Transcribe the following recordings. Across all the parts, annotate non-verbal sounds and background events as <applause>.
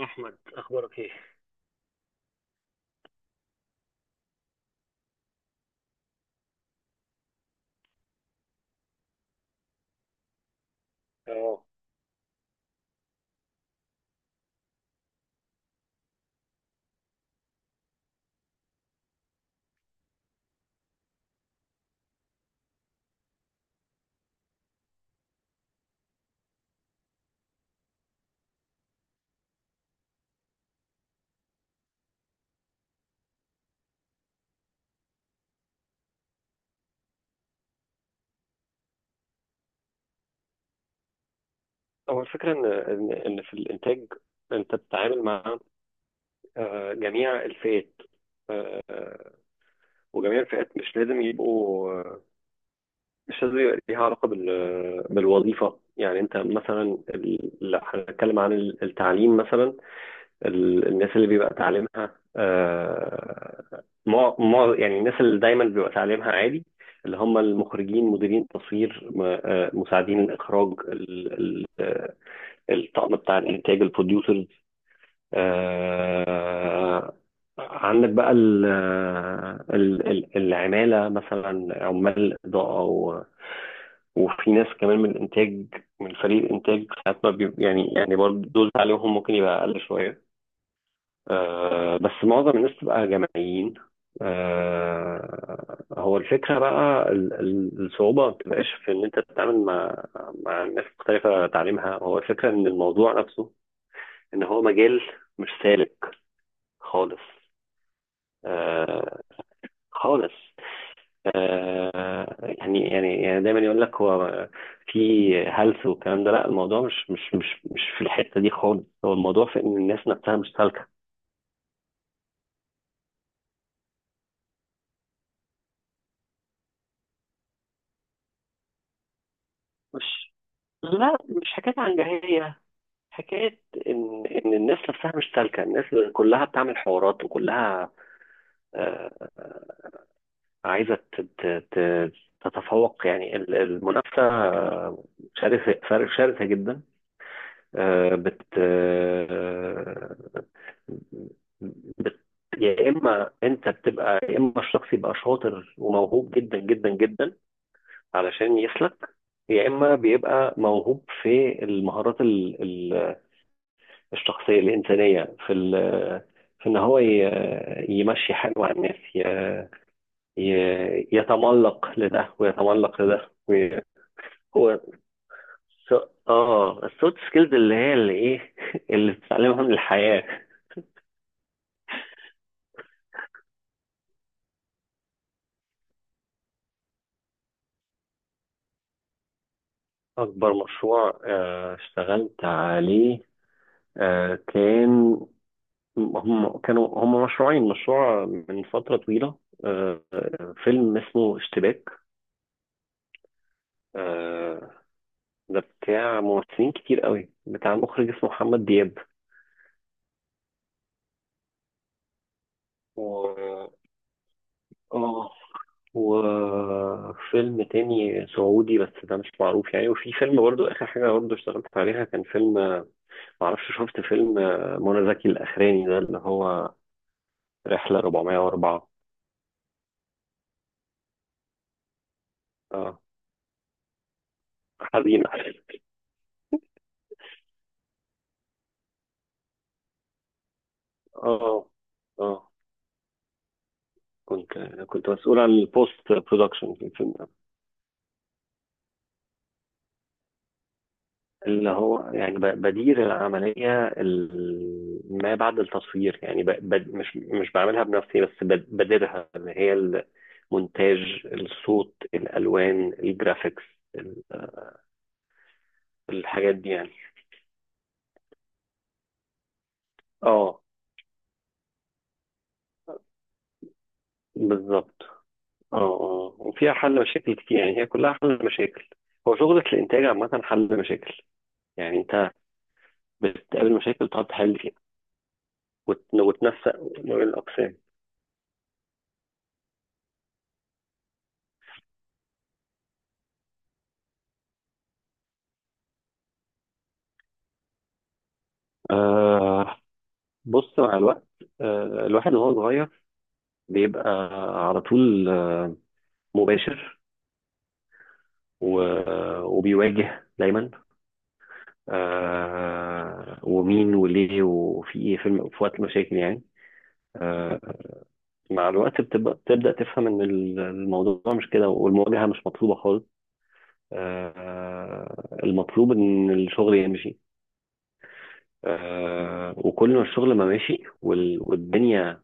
أحمد أخبارك إيه؟ اه. هو الفكرة إن في الإنتاج أنت بتتعامل مع جميع الفئات. آه، آه، وجميع الفئات مش لازم يبقوا مش لازم يبقى ليها علاقة بالوظيفة، يعني أنت مثلا لا، هنتكلم عن التعليم مثلا. الناس اللي بيبقى تعليمها يعني الناس اللي دايما بيبقى تعليمها عالي، اللي هم المخرجين، مديرين التصوير، مساعدين الإخراج، الطقم بتاع الانتاج، البروديوسرز. آه عندك بقى ال آه، ال ال العمالة، مثلا عمال إضاءة، وفي ناس كمان من الإنتاج، من فريق الإنتاج ساعات ما بي- يعني برضه دول عليهم ممكن يبقى أقل شوية، بس معظم الناس تبقى جماعيين. هو الفكرة بقى الصعوبة ما بتبقاش في إن أنت تتعامل مع ناس مختلفة تعليمها، هو الفكرة إن الموضوع نفسه ان هو مجال مش سالك خالص. آه خالص. يعني يعني دايما يقول لك هو في هلس والكلام ده، لا، الموضوع مش في الحته دي خالص، هو الموضوع في ان الناس نفسها مش سالكه. مش لا، مش حكايه عنجهيه، حكايه ان الناس نفسها مش سالكه. الناس كلها بتعمل حوارات، وكلها آه عايزه تتفوق، يعني المنافسه شرسه، شرسه جدا. آه، بت آه، بت يا اما انت بتبقى، يا اما الشخص يبقى شاطر وموهوب جدا جدا جدا علشان يسلك، يا اما بيبقى موهوب في المهارات الشخصيه الانسانيه، في ان هو يمشي حاله على الناس، يتملق لده ويتملق لده هو السوفت سكيلز اللي هي اللي ايه <laughs> اللي بتتعلمها من الحياه. أكبر مشروع اشتغلت عليه كان، هم كانوا مشروعين، مشروع من فترة طويلة، فيلم اسمه اشتباك. آه، ده بتاع ممثلين كتير قوي، بتاع مخرج اسمه محمد دياب. و... اه وفيلم تاني سعودي بس ده مش معروف يعني. وفي فيلم برضو، آخر حاجة برضو اشتغلت عليها، كان فيلم، معرفش شفت فيلم منى زكي الأخراني ده، اللي هو رحلة 404. اه، حزينة. اه اه، كنت كنت مسؤول عن البوست برودكشن في الفيلم ده. اللي هو يعني بدير العملية ما بعد التصوير، يعني ب... ب... مش مش بعملها بنفسي، بس بديرها، اللي هي المونتاج، الصوت، الألوان، الجرافيكس، ال- الحاجات دي يعني. اه، بالظبط. اه اه، وفيها حل مشاكل كتير، يعني هي كلها حل مشاكل. هو شغلة الإنتاج عامة حل مشاكل، يعني أنت بتقابل مشاكل تقعد تحل فيها وتنسق ما بين الأقسام. آه بص، مع الوقت الواحد وهو صغير بيبقى على طول مباشر، وبيواجه دايما ومين وليه وفي ايه في في وقت المشاكل يعني. آه مع الوقت بتبدأ تفهم ان الموضوع مش كده، والمواجهة مش مطلوبة خالص. المطلوب ان الشغل يمشي، وكل ما الشغل ما ماشي والدنيا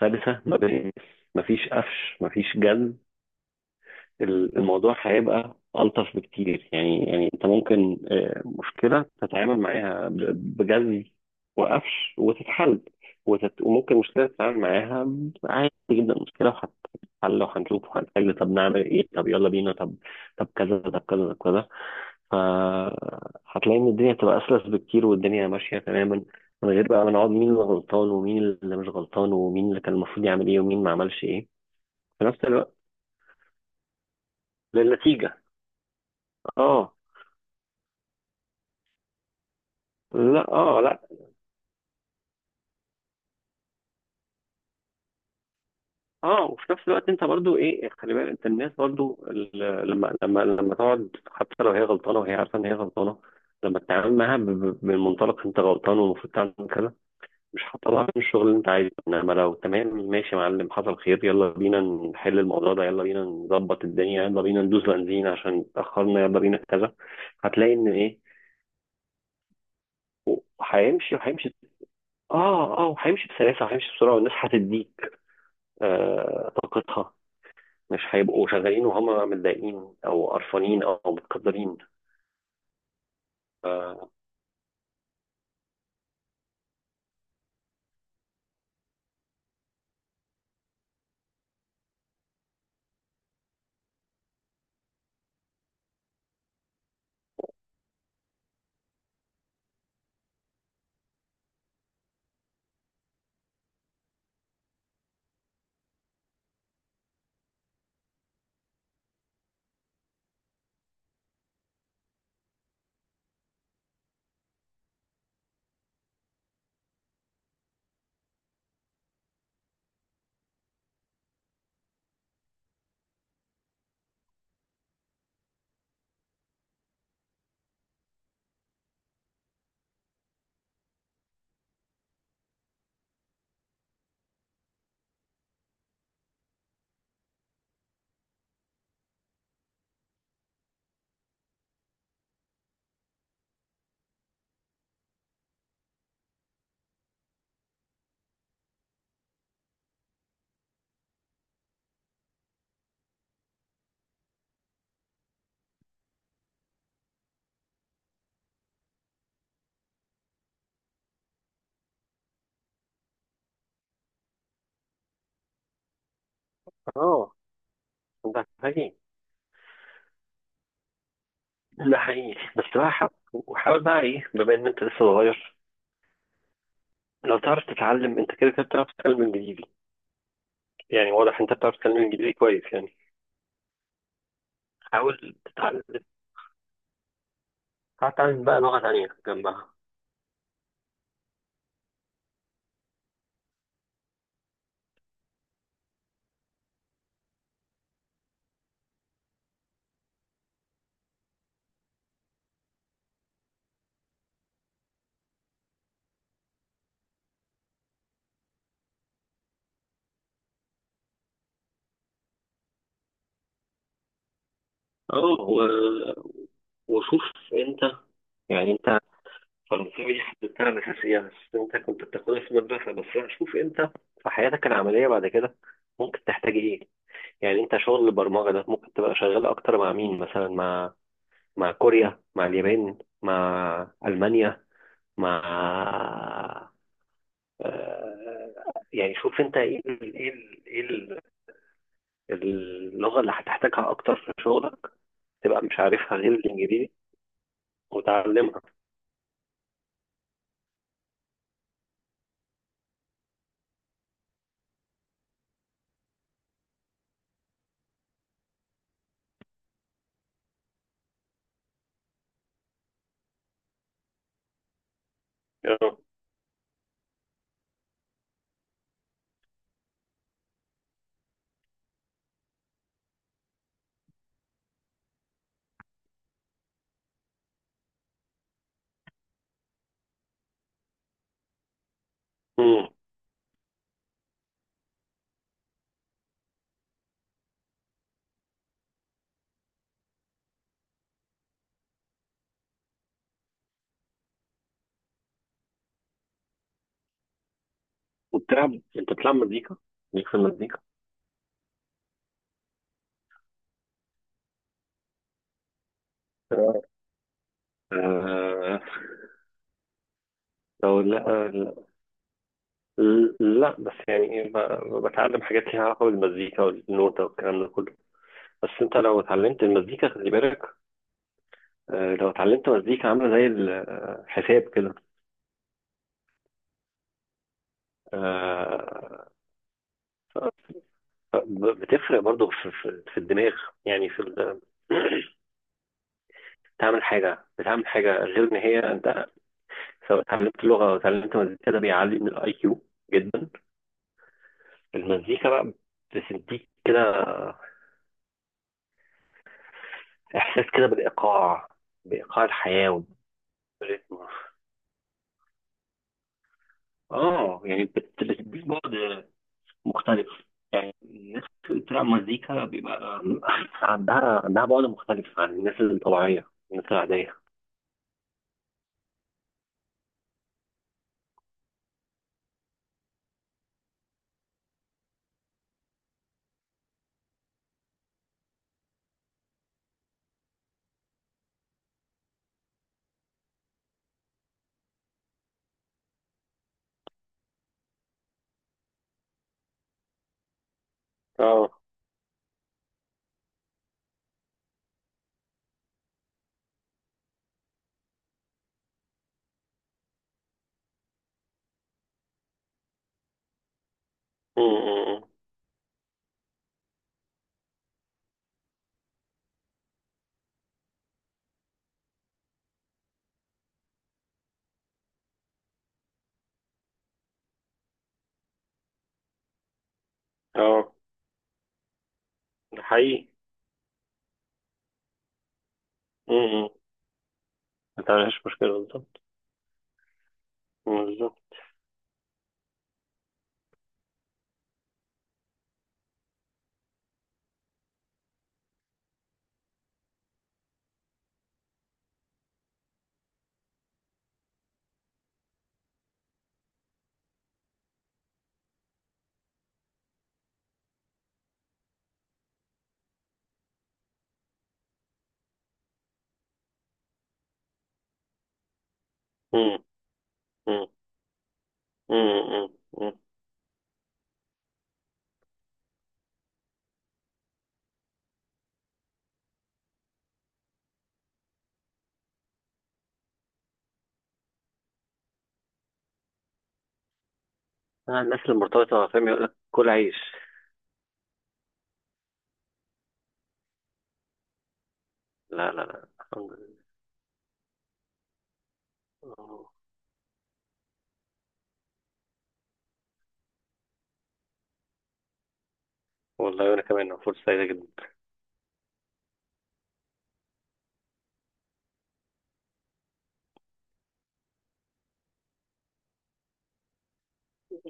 سلسة ما بين، مفيش قفش مفيش جد، الموضوع هيبقى ألطف بكتير. يعني أنت ممكن مشكلة تتعامل معاها بجد وقفش وتتحل، وممكن مشكلة تتعامل معاها عادي جدا، مشكلة وهتتحل وهنشوف وهنحل، طب نعمل إيه، طب يلا بينا، طب طب كذا طب كذا طب كذا. فهتلاقي ان الدنيا هتبقى اسلس بكتير، والدنيا ماشيه تماما من غير بقى ما نقعد مين اللي غلطان ومين اللي مش غلطان ومين اللي كان المفروض يعمل ايه ومين ما عملش ايه، في نفس الوقت للنتيجه. اه لا، اه لا. اه، وفي نفس الوقت انت برضو ايه، خلي بالك انت، الناس برضو لما لما تقعد حتى لو هي غلطانه وهي عارفه ان هي غلطانه، لما تتعامل معاها بالمنطلق انت غلطان والمفروض تعمل كذا، مش هتطلعني من الشغل اللي انت عايزه. انما لو تمام ماشي يا معلم، حصل خير، يلا بينا نحل الموضوع ده، يلا بينا نظبط الدنيا، يلا بينا ندوس بنزين عشان اتاخرنا، يلا بينا كذا. هتلاقي ان ايه، هيمشي وهيمشي. اه اه، وهيمشي بسلاسه وهيمشي بسرعه، والناس هتديك طاقتها، مش هيبقوا شغالين وهم متضايقين او قرفانين او متقدرين. اه آه، ده حقيقي. ده حقيقي، بس بقى حاول وحاول بقى ايه، بما ان انت لسه صغير. لو تعرف تتعلم، انت كده كده بتعرف تتكلم انجليزي، يعني واضح انت بتعرف تتكلم انجليزي كويس يعني. حاول تتعلم، بقى لغة تانية جنبها. اه، وشوف انت، يعني انت، فرنساوي دي حددتها الأساسية بس انت كنت بتاخدها في المدرسة، بس شوف انت في حياتك العملية بعد كده ممكن تحتاج ايه. يعني انت شغل البرمجة ده ممكن تبقى شغال اكتر مع مين مثلا، مع كوريا، مع اليابان، مع ألمانيا، مع آه، يعني شوف انت ايه ايه اللغة اللي هتحتاجها أكتر في شغلك، تبقى مش عارفها غير الإنجليزي وتعلمها. آه. مم. أنت بتلعب مزيكا؟ ليك في المزيكا؟ آه، لو لا لا. لا، بس يعني إيه، بتعلم حاجات ليها علاقة بالمزيكا والنوتة والكلام ده كله. بس انت لو اتعلمت المزيكا، خلي بالك، لو اتعلمت مزيكا عاملة زي الحساب كده، آه، ف- ف- بتفرق برضو في الدماغ، يعني تعمل حاجة بتعمل حاجة غير إن هي أنت سواء اتعلمت لغة أو اتعلمت مزيكا، ده بيعلي من الأي كيو جدا. المزيكا بقى بتديك كده إحساس كده بالإيقاع، بإيقاع الحياة والريتم. يعني بتديك بعد مختلف، يعني الناس اللي بتلعب مزيكا بيبقى <laughs> عندها بعد مختلف عن الناس الطبيعية، الناس العادية. اه. م- م- م. اه، ده حقيقي. م- م. ما تعملش مشكلة، بالظبط. بالظبط. م- م. امم. امم. الناس المرتبطة، فاهم، يقول لك كل عيش. لا لا لا، الحمد لله. آه، والله، وأنا كمان فرصة سعيدة جدا.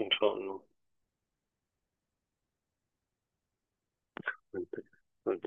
إن شاء الله. وأنت، وأنت.